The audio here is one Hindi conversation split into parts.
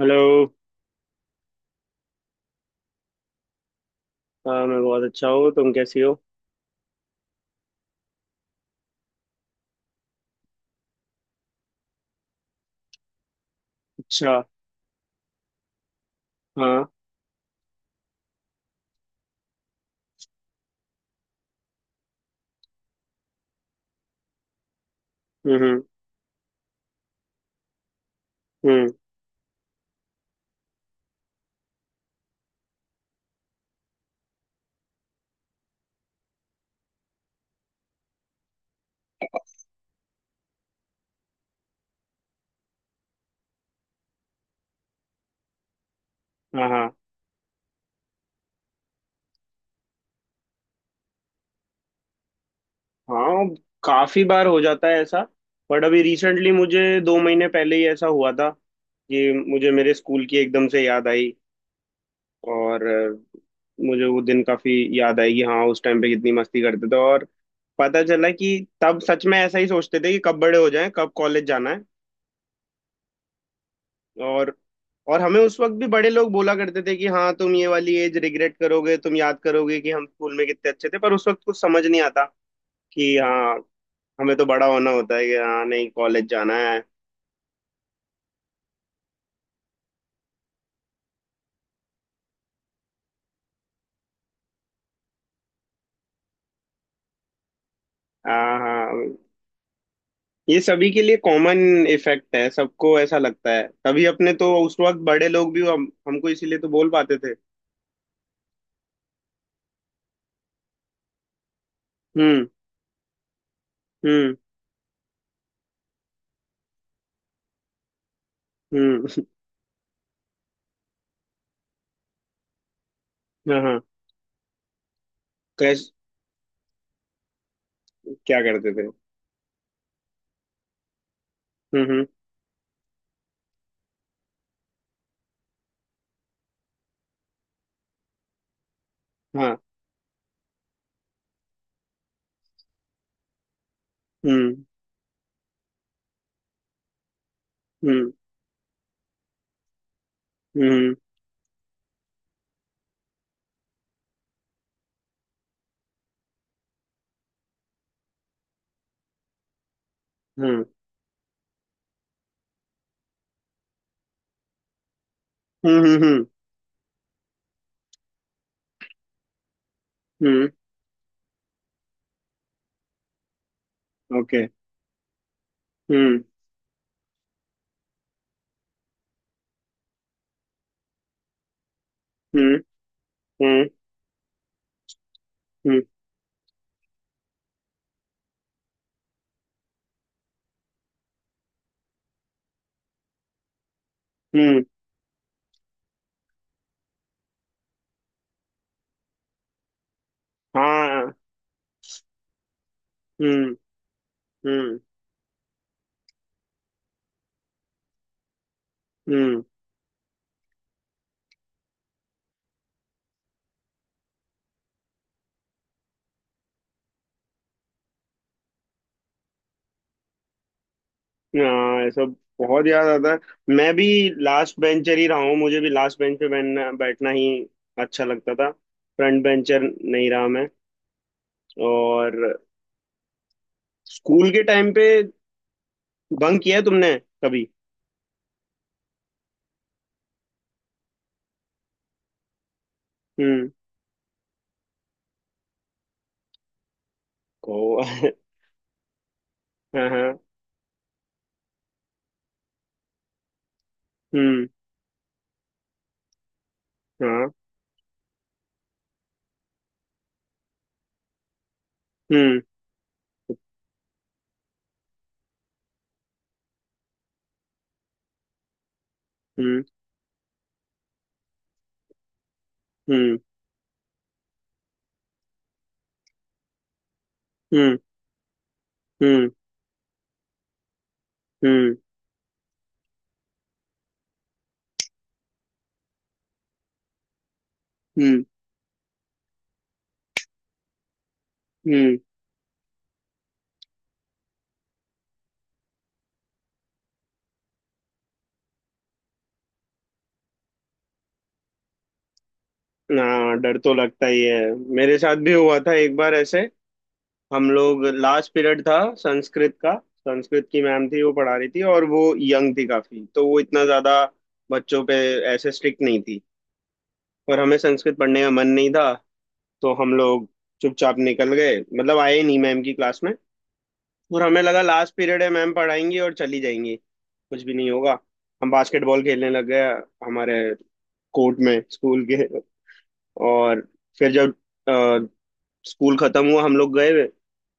हेलो। हाँ, मैं बहुत अच्छा हूँ। तुम कैसी हो? अच्छा। हाँ। हम्म हम्म हम्म, हाँ हाँ हाँ, काफी बार हो जाता है ऐसा। बट अभी रिसेंटली मुझे दो महीने पहले ही ऐसा हुआ था कि मुझे मेरे स्कूल की एकदम से याद आई। और मुझे वो दिन काफी याद आई कि हाँ उस टाइम पे कितनी मस्ती करते थे। और पता चला कि तब सच में ऐसा ही सोचते थे कि कब बड़े हो जाएं, कब कॉलेज जाना है। और और हमें उस वक्त भी बड़े लोग बोला करते थे कि हाँ, तुम ये वाली एज रिग्रेट करोगे, तुम याद करोगे कि हम स्कूल में कितने अच्छे थे, पर उस वक्त कुछ समझ नहीं आता कि हाँ, हमें तो बड़ा होना होता है कि हाँ नहीं, कॉलेज जाना है। हाँ हाँ, ये सभी के लिए कॉमन इफेक्ट है। सबको ऐसा लगता है, तभी अपने तो उस वक्त बड़े लोग भी हमको इसीलिए तो बोल पाते थे। हम्म हम्म हम्म हाँ हाँ। कैस क्या करते थे? हम्म। हाँ। हम्म हम्म हम्म हम्म हम्म हम्म हम्म हम्म। ओके। हम्म हम्म हम्म हम्म हम्म। हाँ। हम्म हम्म हम्म। हाँ, ये सब बहुत याद आता है। मैं भी लास्ट बेंचर ही रहा हूँ, मुझे भी लास्ट बेंच पे बैठना बैठना ही अच्छा लगता था। फ्रंट बेंचर नहीं रहा मैं। और स्कूल के टाइम पे बंक किया है तुमने कभी? हम्म को हाँ हाँ। हम्म। हाँ। हम्म हम्म हम्म हम्म हम्म हम्म हम्म हम्म ना, डर तो लगता ही है। मेरे साथ भी हुआ था एक बार ऐसे। हम लोग, लास्ट पीरियड था संस्कृत का। संस्कृत की मैम थी, वो पढ़ा रही थी और वो यंग थी काफी, तो वो इतना ज्यादा बच्चों पे ऐसे स्ट्रिक्ट नहीं थी। पर हमें संस्कृत पढ़ने का मन नहीं था, तो हम लोग चुपचाप निकल गए, मतलब आए ही नहीं मैम की क्लास में। और हमें लगा लास्ट पीरियड है, मैम पढ़ाएंगी और चली जाएंगी, कुछ भी नहीं होगा। हम बास्केटबॉल खेलने लग गए, हमारे कोर्ट में, स्कूल के। और फिर जब स्कूल खत्म हुआ, हम लोग गए,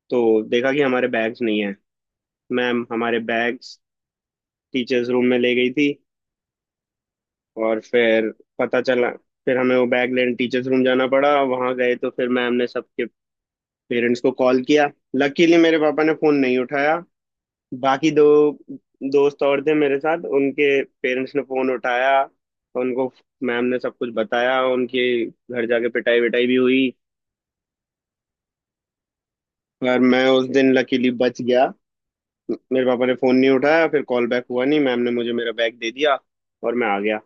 तो देखा कि हमारे बैग्स नहीं है। मैम हमारे बैग्स टीचर्स रूम में ले गई थी। और फिर पता चला, फिर हमें वो बैग लेने टीचर्स रूम जाना पड़ा, वहां गए तो फिर मैम ने सबके पेरेंट्स को कॉल किया। लकीली मेरे पापा ने फोन नहीं उठाया। बाकी दो दोस्त और थे मेरे साथ, उनके पेरेंट्स ने फोन उठाया। उनको मैम ने सब कुछ बताया, उनके घर जाके पिटाई विटाई भी हुई। पर मैं उस दिन लकीली बच गया। मेरे पापा ने फोन नहीं उठाया, फिर कॉल बैक हुआ नहीं, मैम ने मुझे मेरा बैग दे दिया और मैं आ गया।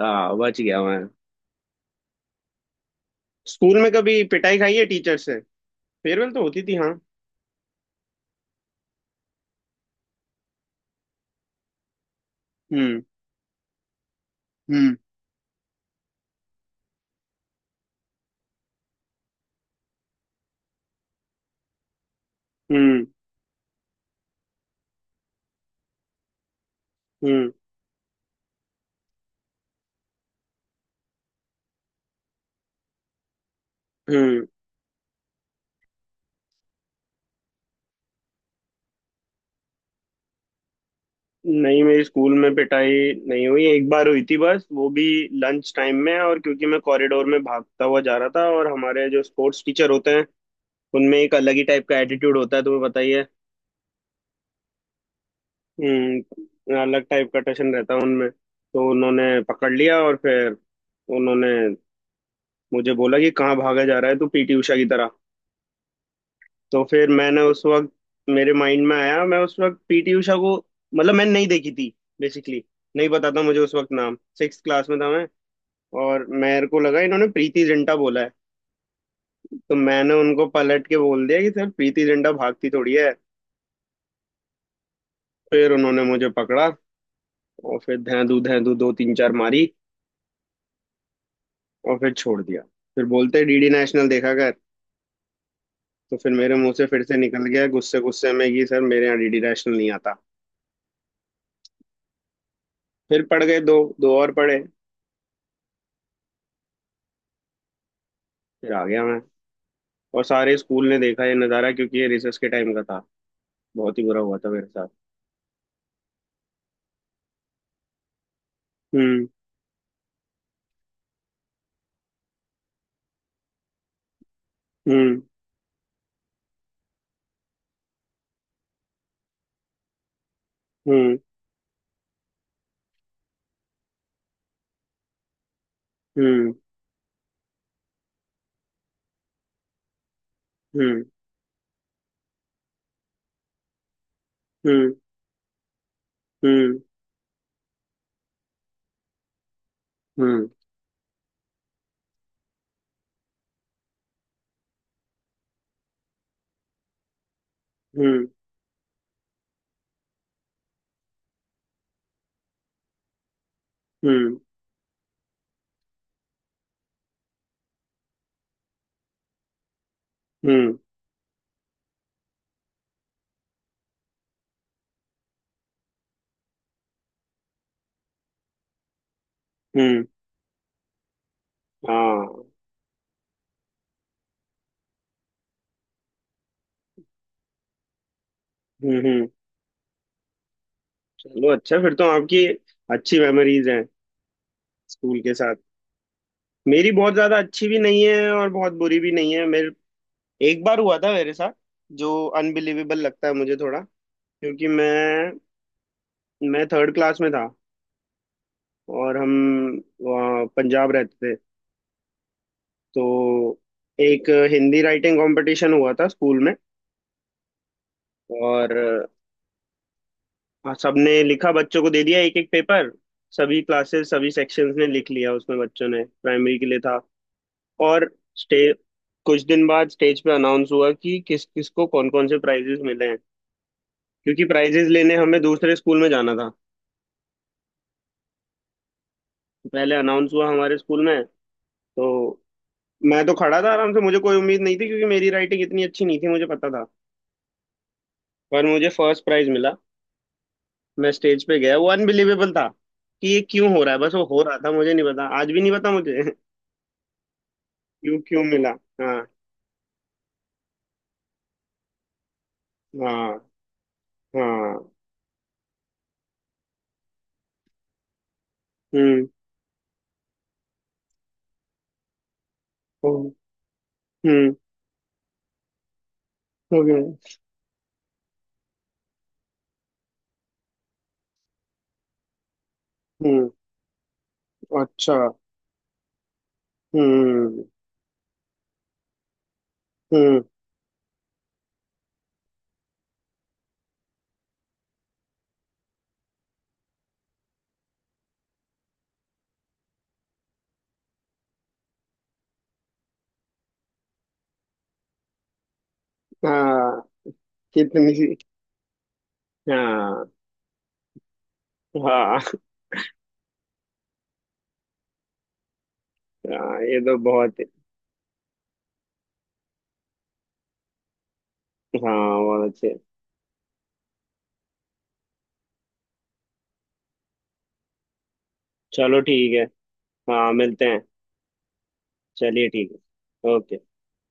हाँ, बच गया मैं। स्कूल में कभी पिटाई खाई है टीचर से? फेयरवेल तो होती थी हाँ। हम्म हम्म हम्म हम्म हम्म। नहीं, मेरी स्कूल में पिटाई नहीं हुई। एक बार हुई थी बस, वो भी लंच टाइम में, और क्योंकि मैं कॉरिडोर में भागता हुआ जा रहा था, और हमारे जो स्पोर्ट्स टीचर होते हैं, उनमें एक अलग ही टाइप का एटीट्यूड होता है, तुम्हें बताइए। हम्म, अलग टाइप का टशन रहता है उनमें। तो उन्होंने पकड़ लिया और फिर उन्होंने मुझे बोला कि कहाँ भागा जा रहा है तू, पीटी उषा की तरह? तो फिर मैंने, उस वक्त मेरे माइंड में आया, मैं उस वक्त पीटी उषा को मतलब मैंने नहीं देखी थी बेसिकली, नहीं पता था मुझे उस वक्त नाम, सिक्स क्लास में था मैं। और मेरे को लगा इन्होंने प्रीति जिंटा बोला है। तो मैंने उनको पलट के बोल दिया कि सर, प्रीति जिंटा भागती थोड़ी है। फिर उन्होंने मुझे पकड़ा और फिर धैं धू दो तीन चार मारी, और फिर छोड़ दिया। फिर बोलते, डीडी नेशनल देखा कर। तो फिर मेरे मुंह से फिर से निकल गया गुस्से गुस्से में कि सर, मेरे यहाँ डीडी नेशनल नहीं आता। फिर पढ़ गए दो दो और पढ़े। फिर आ गया मैं। और सारे स्कूल ने देखा ये नज़ारा, क्योंकि ये रिसर्च के टाइम का था। बहुत ही बुरा हुआ था मेरे साथ। हम्म हम्म हम्म हम्म हम्म हम्म हम्म हम्म हम्म हम्म हम्म हम्म, हाँ। हम्म। चलो अच्छा, फिर तो आपकी अच्छी मेमोरीज हैं स्कूल के साथ। मेरी बहुत ज्यादा अच्छी भी नहीं है और बहुत बुरी भी नहीं है मेरे। एक बार हुआ था मेरे साथ जो अनबिलीवेबल लगता है मुझे थोड़ा, क्योंकि मैं थर्ड क्लास में था और हम वहाँ पंजाब रहते थे। तो एक हिंदी राइटिंग कंपटीशन हुआ था स्कूल में। और सबने लिखा, बच्चों को दे दिया एक एक पेपर। सभी क्लासेस, सभी सेक्शंस ने लिख लिया, उसमें बच्चों ने, प्राइमरी के लिए था। और स्टे कुछ दिन बाद स्टेज पे अनाउंस हुआ कि किस किस को, कौन कौन से प्राइजेस मिले हैं, क्योंकि प्राइजेस लेने हमें दूसरे स्कूल में जाना था। पहले अनाउंस हुआ हमारे स्कूल में। तो मैं तो खड़ा था आराम से, मुझे कोई उम्मीद नहीं थी, क्योंकि मेरी राइटिंग इतनी अच्छी नहीं थी, मुझे पता था। पर मुझे फर्स्ट प्राइज मिला। मैं स्टेज पे गया, वो अनबिलीवेबल था कि ये क्यों हो रहा है, बस वो हो रहा था, मुझे नहीं पता, आज भी नहीं पता मुझे क्यों क्यों मिला? हाँ हाँ हाँ। हम्म हम्म हम्म हम्म हम्म, अच्छा। हम्म हम्म। हाँ, कितनी सी-। हाँ हाँ हाँ। ये तो बहुत। हाँ बहुत अच्छे। चलो ठीक है, हाँ मिलते हैं। चलिए ठीक है, ओके।